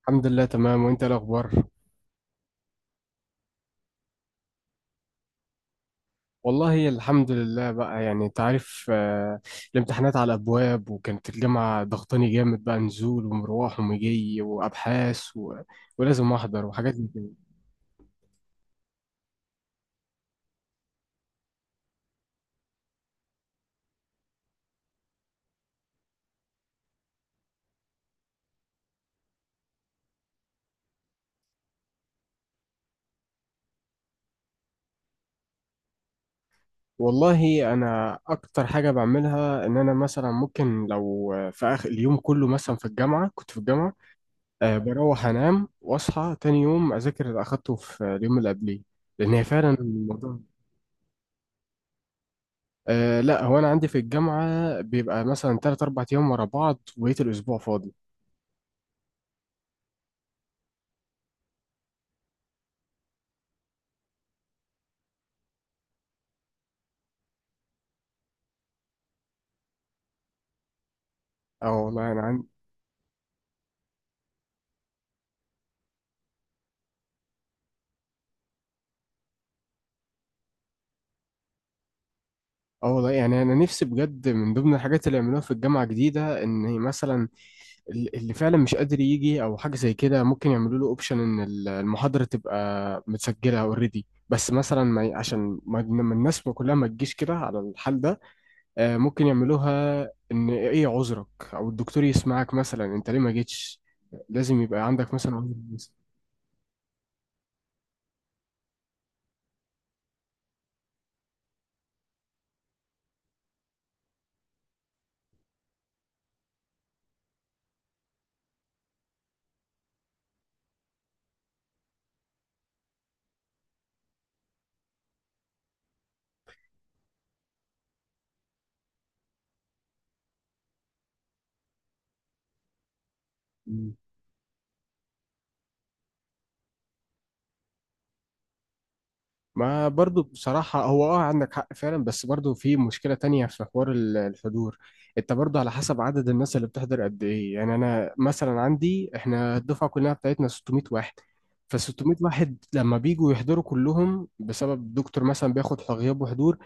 الحمد لله، تمام. وانت ايه الاخبار؟ والله الحمد لله بقى، يعني انت عارف، الامتحانات على الابواب، وكانت الجامعه ضغطاني جامد بقى، نزول ومروح ومجي وابحاث و... ولازم احضر وحاجات من كده. والله انا اكتر حاجه بعملها ان انا مثلا ممكن، لو في اخر اليوم كله مثلا في الجامعه كنت في الجامعه، بروح انام واصحى تاني يوم اذاكر اللي اخدته في اليوم اللي قبليه، لان هي فعلا الموضوع. أه لا، هو انا عندي في الجامعه بيبقى مثلا 3 4 ايام ورا بعض وبقيت الاسبوع فاضي. اه والله انا عندي. اه والله، يعني انا نفسي بجد من ضمن الحاجات اللي يعملوها في الجامعه جديده، ان مثلا اللي فعلا مش قادر يجي او حاجه زي كده ممكن يعملوا له اوبشن ان المحاضره تبقى متسجله اوريدي، بس مثلا ما ي- عشان ما الناس ما كلها ما تجيش كده على الحال ده. ممكن يعملوها، ان ايه عذرك؟ او الدكتور يسمعك مثلا، انت ليه ما جيتش؟ لازم يبقى عندك مثلا عذر. ما برضو بصراحة، هو عندك حق فعلا، بس برضو في مشكلة تانية في حوار الحضور. انت برضو على حسب عدد الناس اللي بتحضر قد ايه، يعني انا مثلا عندي، احنا الدفعة كلها بتاعتنا 600 واحد. ف 600 واحد لما بيجوا يحضروا كلهم، بسبب الدكتور مثلا بياخد غياب وحضور،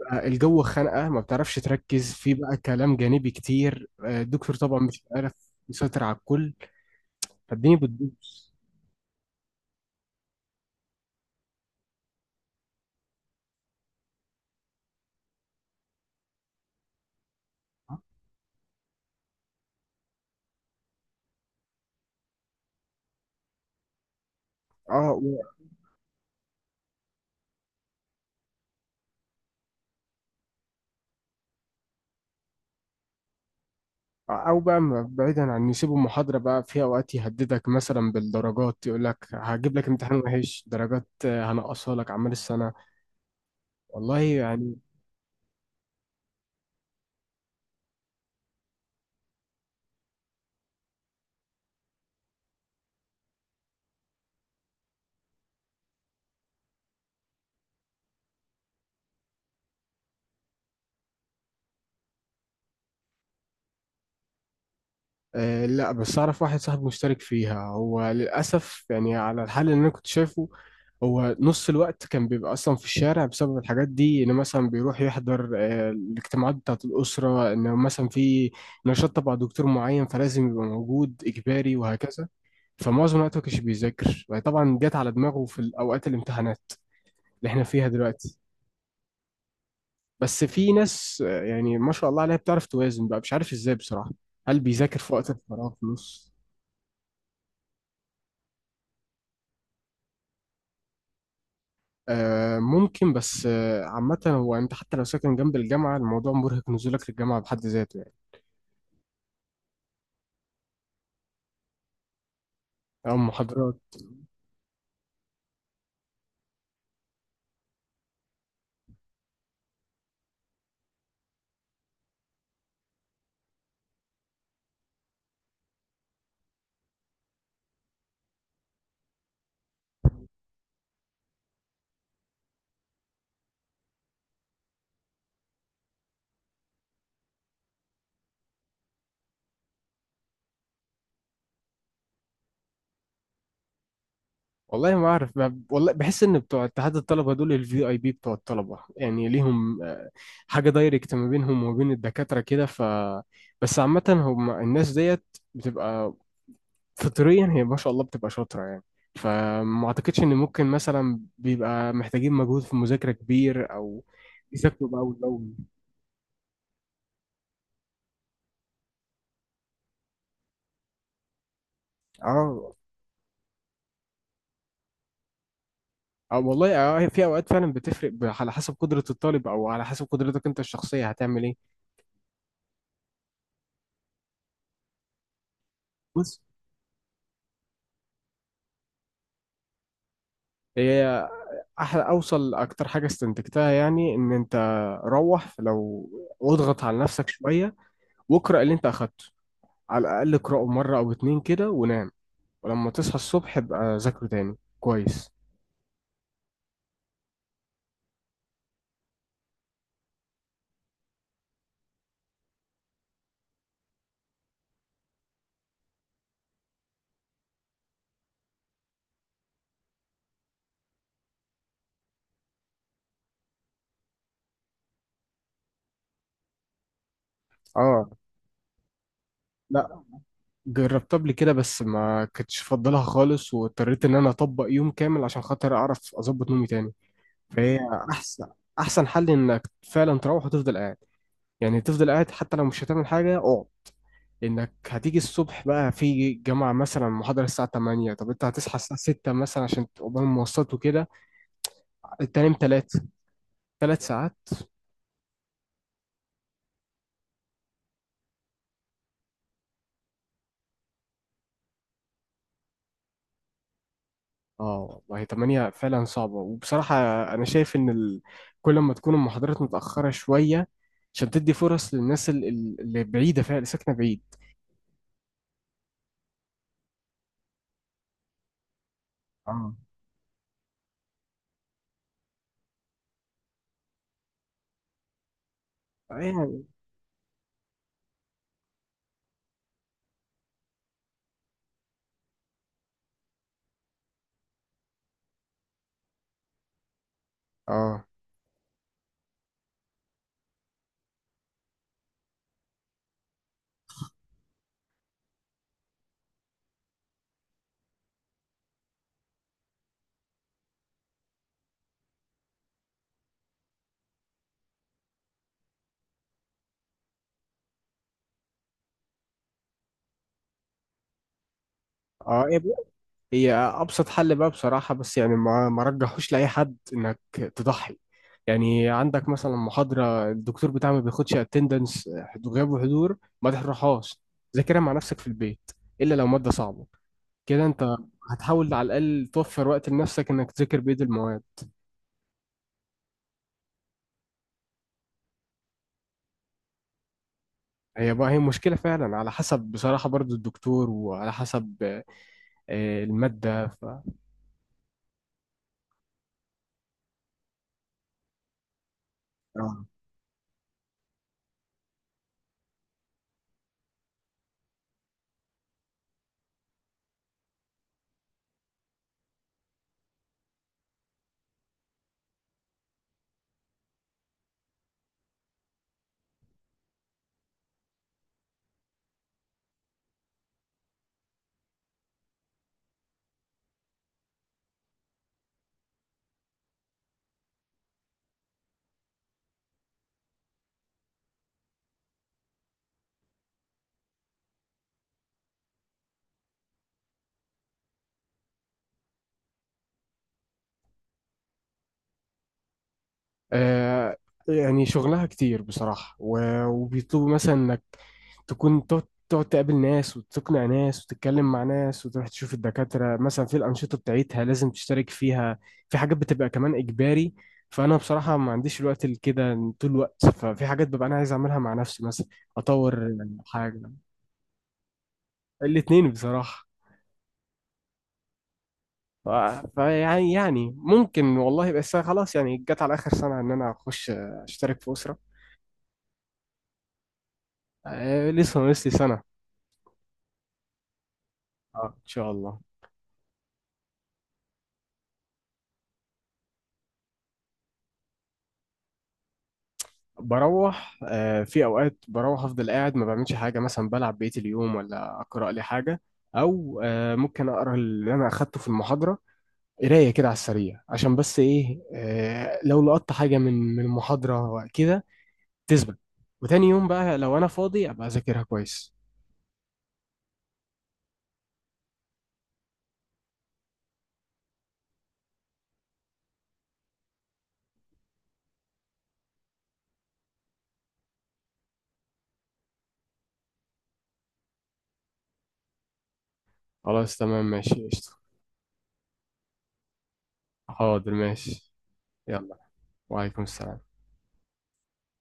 بقى الجو خانقة، ما بتعرفش تركز، في بقى كلام جانبي كتير، الدكتور طبعا مش عارف يسيطر على الكل، فالدنيا بتبوظ. اه. او بقى بعيدا عن إن يسيبوا محاضره، بقى في اوقات يهددك مثلا بالدرجات، يقول لك هجيب لك امتحان وحش درجات، هنقصها لك اعمال السنه. والله يعني. آه لا، بس اعرف واحد صاحبي مشترك فيها. هو للاسف يعني، على الحال اللي انا كنت شايفه، هو نص الوقت كان بيبقى اصلا في الشارع بسبب الحاجات دي. ان مثلا بيروح يحضر الاجتماعات بتاعه الاسره، ان مثلا في نشاط تبع دكتور معين فلازم يبقى موجود اجباري وهكذا. فمعظم الوقت ما كانش بيذاكر، يعني طبعا جت على دماغه في اوقات الامتحانات اللي احنا فيها دلوقتي. بس في ناس يعني ما شاء الله عليها بتعرف توازن بقى، مش عارف ازاي بصراحة. هل بيذاكر في وقت الفراغ في نص؟ آه ممكن، بس عامة هو انت حتى لو ساكن جنب الجامعة، الموضوع مرهق. نزولك للجامعة بحد ذاته يعني، او محاضرات. والله ما اعرف، والله بحس ان بتوع اتحاد الطلبه دول الفي اي بي بتوع الطلبه، يعني ليهم حاجه دايركت ما بينهم وما بين الدكاتره كده. ف بس عامه هم الناس ديت بتبقى فطريا، هي ما شاء الله بتبقى شاطره يعني. فما اعتقدش ان ممكن مثلا بيبقى محتاجين مجهود في مذاكره كبير، او يذاكروا بقى والجو. اه اه والله. اه في اوقات فعلا بتفرق، على حسب قدره الطالب، او على حسب قدرتك انت الشخصيه هتعمل ايه. بص، هي احلى اوصل اكتر حاجه استنتجتها يعني، ان انت روح لو واضغط على نفسك شويه واقرا اللي انت اخدته، على الاقل اقراه مره او اتنين كده ونام. ولما تصحى الصبح ابقى ذاكره تاني كويس. اه لا، جربتها قبل كده بس ما كنتش افضلها خالص، واضطريت ان انا اطبق يوم كامل عشان خاطر اعرف اظبط نومي تاني. فهي احسن احسن حل انك فعلا تروح وتفضل قاعد، يعني تفضل قاعد حتى لو مش هتعمل حاجه، اقعد. انك هتيجي الصبح بقى في جامعة مثلا محاضرة الساعة 8، طب انت هتصحى الساعة 6 مثلا عشان قبل المواصلات وكده، تنام 3 ساعات. اه والله 8 فعلا صعبة، وبصراحة انا شايف ان ال... كل ما تكون المحاضرات متأخرة شوية عشان تدي فرص للناس اللي بعيدة فعلا، اللي ساكنة بعيد. اه آه يعني. اه اه، هي ابسط حل بقى بصراحه، بس يعني ما رجحوش لاي حد انك تضحي. يعني عندك مثلا محاضره الدكتور بتاعها ما بياخدش اتندنس غياب وحضور، ما تروحهاش، ذاكرها مع نفسك في البيت. الا لو ماده صعبه، كده انت هتحاول على الاقل توفر وقت لنفسك انك تذاكر بيد المواد. هي بقى مشكله فعلا، على حسب بصراحه برضو الدكتور، وعلى حسب الماده. ف... آه، يعني شغلها كتير بصراحة، وبيطلبوا مثلا انك تكون تقعد، تقابل ناس وتقنع ناس وتتكلم مع ناس وتروح تشوف الدكاترة مثلا في الأنشطة بتاعتها لازم تشترك فيها. في حاجات بتبقى كمان إجباري، فأنا بصراحة ما عنديش الوقت لكده طول الوقت. ففي حاجات ببقى أنا عايز أعملها مع نفسي، مثلا أطور حاجة. الاتنين بصراحة. ف- فيعني يعني ممكن والله، بس خلاص يعني جت على آخر سنة إن أنا أخش أشترك في أسرة. لسه ناقص لي سنة. اه ان شاء الله. بروح، في اوقات بروح افضل قاعد ما بعملش حاجه، مثلا بلعب بقيه اليوم، ولا اقرا لي حاجه، او ممكن اقرا اللي انا اخدته في المحاضره، قرايه كده على السريع عشان بس ايه، لو لقطت حاجه من المحاضره وكده تثبت. وتاني يوم بقى لو انا فاضي ابقى اذاكرها كويس. خلاص تمام ماشي قشطه. حاضر ماشي. يلا. وعليكم السلام.